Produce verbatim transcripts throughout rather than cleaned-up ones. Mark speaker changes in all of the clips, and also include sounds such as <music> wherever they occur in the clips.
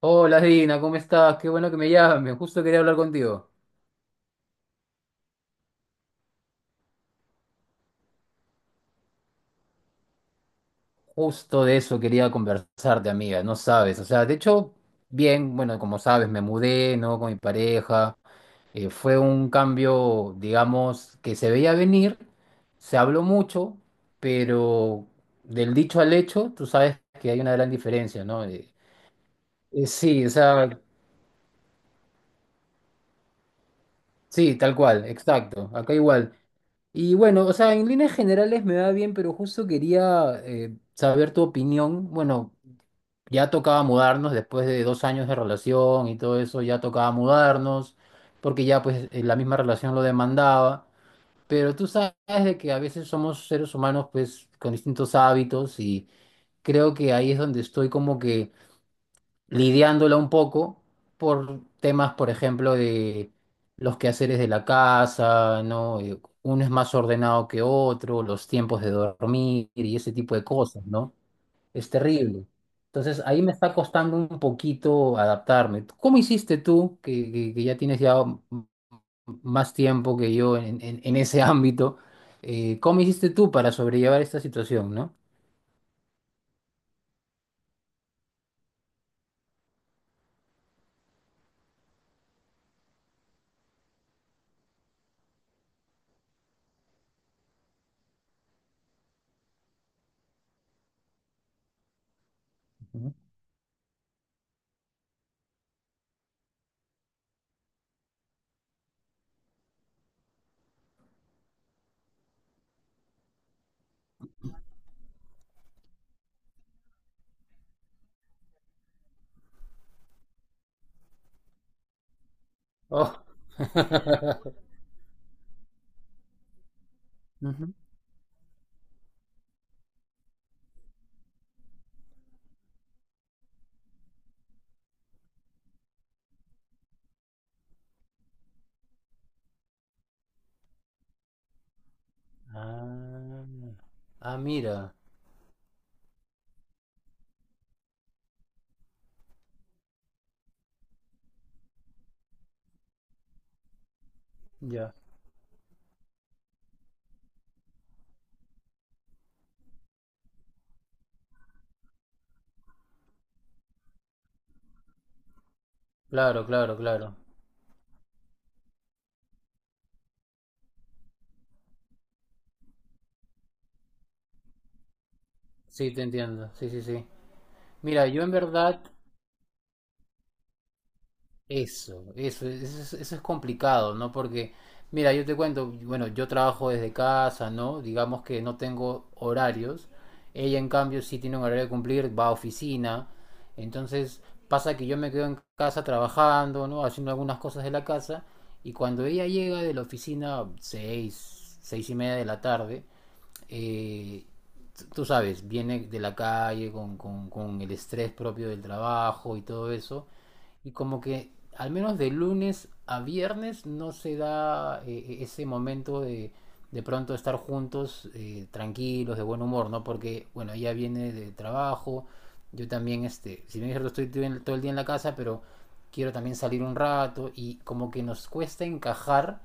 Speaker 1: Hola Dina, ¿cómo estás? Qué bueno que me llames. Justo quería hablar contigo. Justo de eso quería conversarte, amiga. No sabes. O sea, de hecho, bien, bueno, como sabes, me mudé, ¿no? Con mi pareja. Eh, fue un cambio, digamos, que se veía venir. Se habló mucho, pero del dicho al hecho, tú sabes que hay una gran diferencia, ¿no? Eh, eh, sí, o sea, sí, tal cual, exacto. Acá igual. Y bueno, o sea, en líneas generales me va bien, pero justo quería eh, saber tu opinión. Bueno, ya tocaba mudarnos después de dos años de relación y todo eso, ya tocaba mudarnos, porque ya pues eh, la misma relación lo demandaba. Pero tú sabes de que a veces somos seres humanos pues con distintos hábitos y creo que ahí es donde estoy como que lidiándola un poco por temas, por ejemplo, de los quehaceres de la casa, ¿no? Eh, uno es más ordenado que otro, los tiempos de dormir y ese tipo de cosas, ¿no? Es terrible. Entonces, ahí me está costando un poquito adaptarme. ¿Cómo hiciste tú, que, que- que ya tienes ya m- más tiempo que yo en, en- en ese ámbito? Eh, ¿cómo hiciste tú para sobrellevar esta situación, no? Ujú. Oh. <laughs> Ah, ah, mira, ya. Claro, claro, claro. Sí, te entiendo. Sí, sí, sí. Mira, yo en verdad, eso, eso, eso, es eso es complicado, ¿no? Porque, mira, yo te cuento, bueno, yo trabajo desde casa, ¿no? Digamos que no tengo horarios. Ella, en cambio, sí tiene un horario que cumplir, va a oficina. Entonces, pasa que yo me quedo en casa trabajando, ¿no? Haciendo algunas cosas de la casa. Y cuando ella llega de la oficina, seis, seis y media de la tarde, eh, tú sabes, viene de la calle con, con, con el estrés propio del trabajo y todo eso, y como que al menos de lunes a viernes no se da eh, e, ese momento de de pronto estar juntos eh, tranquilos, de buen humor, ¿no? Porque, bueno, ella viene de trabajo, yo también, este, si bien es cierto, estoy todo el todo el día en la casa, pero quiero también salir un rato y como que nos cuesta encajar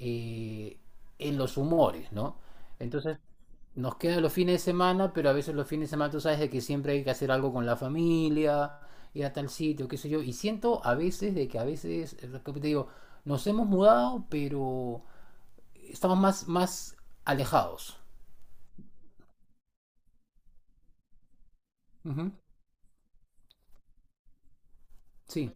Speaker 1: eh, en los humores, ¿no? Entonces, nos quedan los fines de semana, pero a veces los fines de semana tú sabes de que siempre hay que hacer algo con la familia, ir a tal sitio, qué sé yo. Y siento a veces de que a veces, eh, como te digo, nos hemos mudado, pero estamos más, más alejados. Ujú, sí,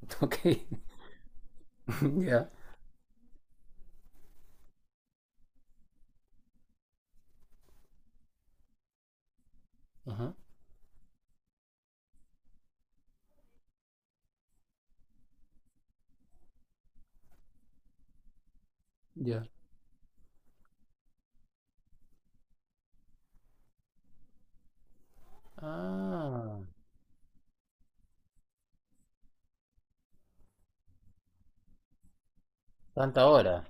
Speaker 1: <laughs> ok, <laughs> ya. Ajá, ya. Ah, tanta hora.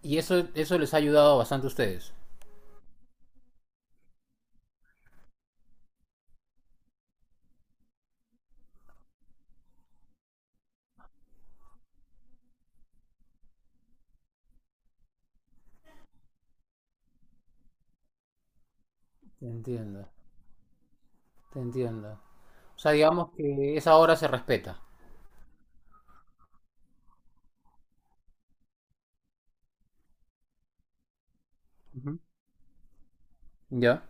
Speaker 1: Y eso, eso les ha ayudado bastante a ustedes. Te entiendo, te entiendo. O sea, digamos que esa hora se respeta. Ujú. Ya.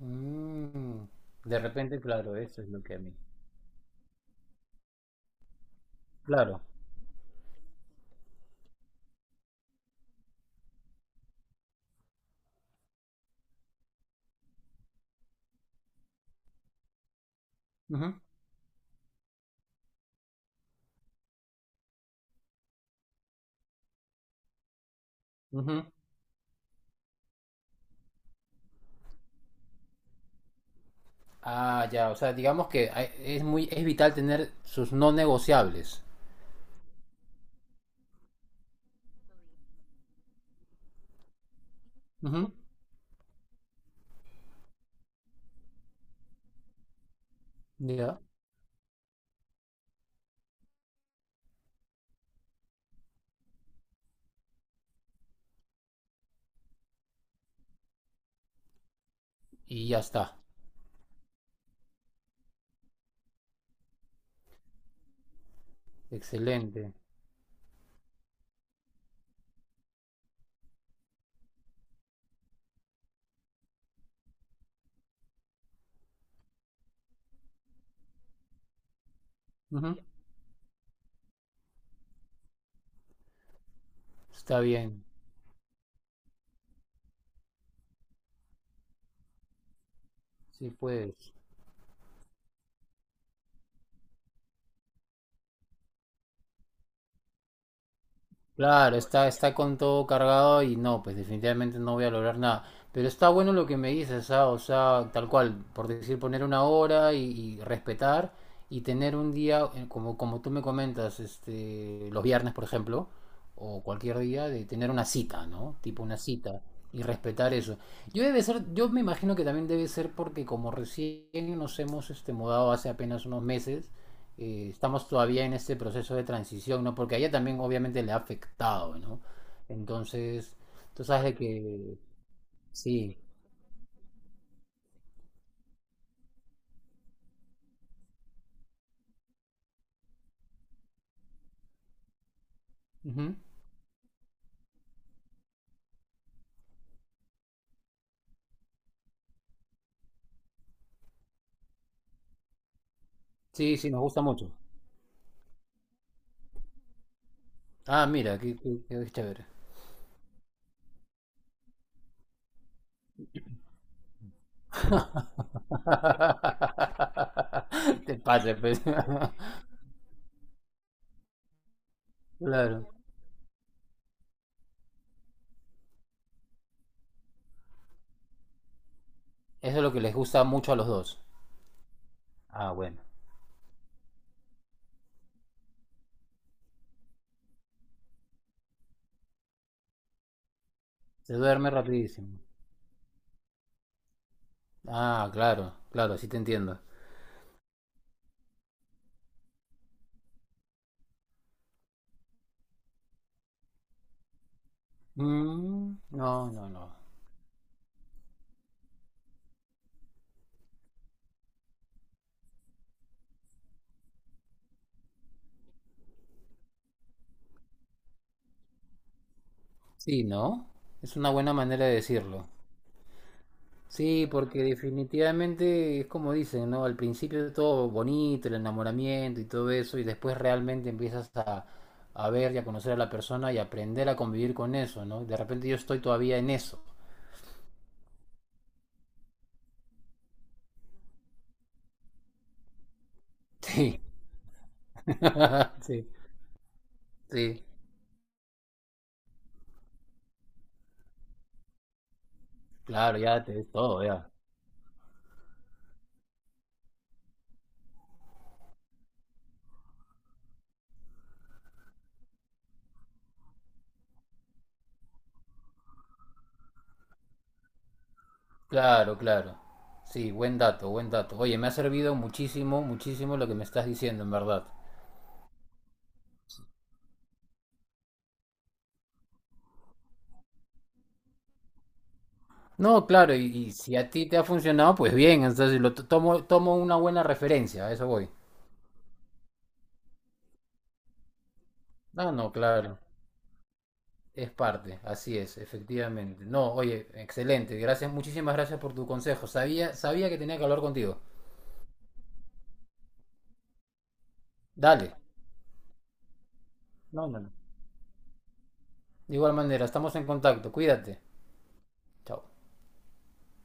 Speaker 1: Mm, de repente, claro, eso es lo que a mí. Claro. Ujú, ujú. Ah, ya, o sea, digamos que hay- es muy, es vital tener sus no negociables. Ujú, ya. Y ya está. Excelente. Ujú, está bien. Sí, pues. Claro, está, está con todo cargado y no, pues definitivamente no voy a lograr nada. Pero está bueno lo que me dices, ah, o sea, tal cual, por decir, poner una hora y, y respetar y tener un día, eh, como, como tú me comentas, este, los viernes, por ejemplo, o cualquier día, de tener una cita, ¿no? Tipo una cita y respetar eso. Yo debe ser, yo me imagino que también debe ser porque como recién nos hemos este, mudado hace apenas unos meses, eh, estamos todavía en este proceso de transición, ¿no? Porque a ella también obviamente le ha afectado, ¿no? Entonces, tú sabes de que sí. Ujú. Sí, sí, nos gusta mucho. Ah, mira, qué, qué- qué chévere. <laughs> Te pases, pues. <laughs> Claro. Eso es lo que les gusta mucho a los dos. Ah, bueno. Se duerme rapidísimo. Ah, claro, claro, sí te entiendo. Mm, no, no, no. Sí, ¿no? Es una buena manera de decirlo. Sí, porque definitivamente es como dicen, ¿no? Al principio todo bonito, el enamoramiento y todo eso, y después realmente empiezas a, a ver y a conocer a la persona y aprender a convivir con eso, ¿no? De repente yo estoy todavía en eso. Sí, <laughs> sí, sí, claro, ya te ves todo, ya. Claro, claro. Sí, buen dato, buen dato. Oye, me ha servido muchísimo, muchísimo lo que me estás diciendo, en verdad. No, claro, y, y si a ti te ha funcionado, pues bien, entonces lo to- tomo, tomo una buena referencia, a eso voy. No, no, claro. Es parte, así es, efectivamente. No, oye, excelente. Gracias, muchísimas gracias por tu consejo. Sabía, sabía que tenía que hablar contigo. Dale. No, no, no. De igual manera, estamos en contacto. Cuídate. Chao.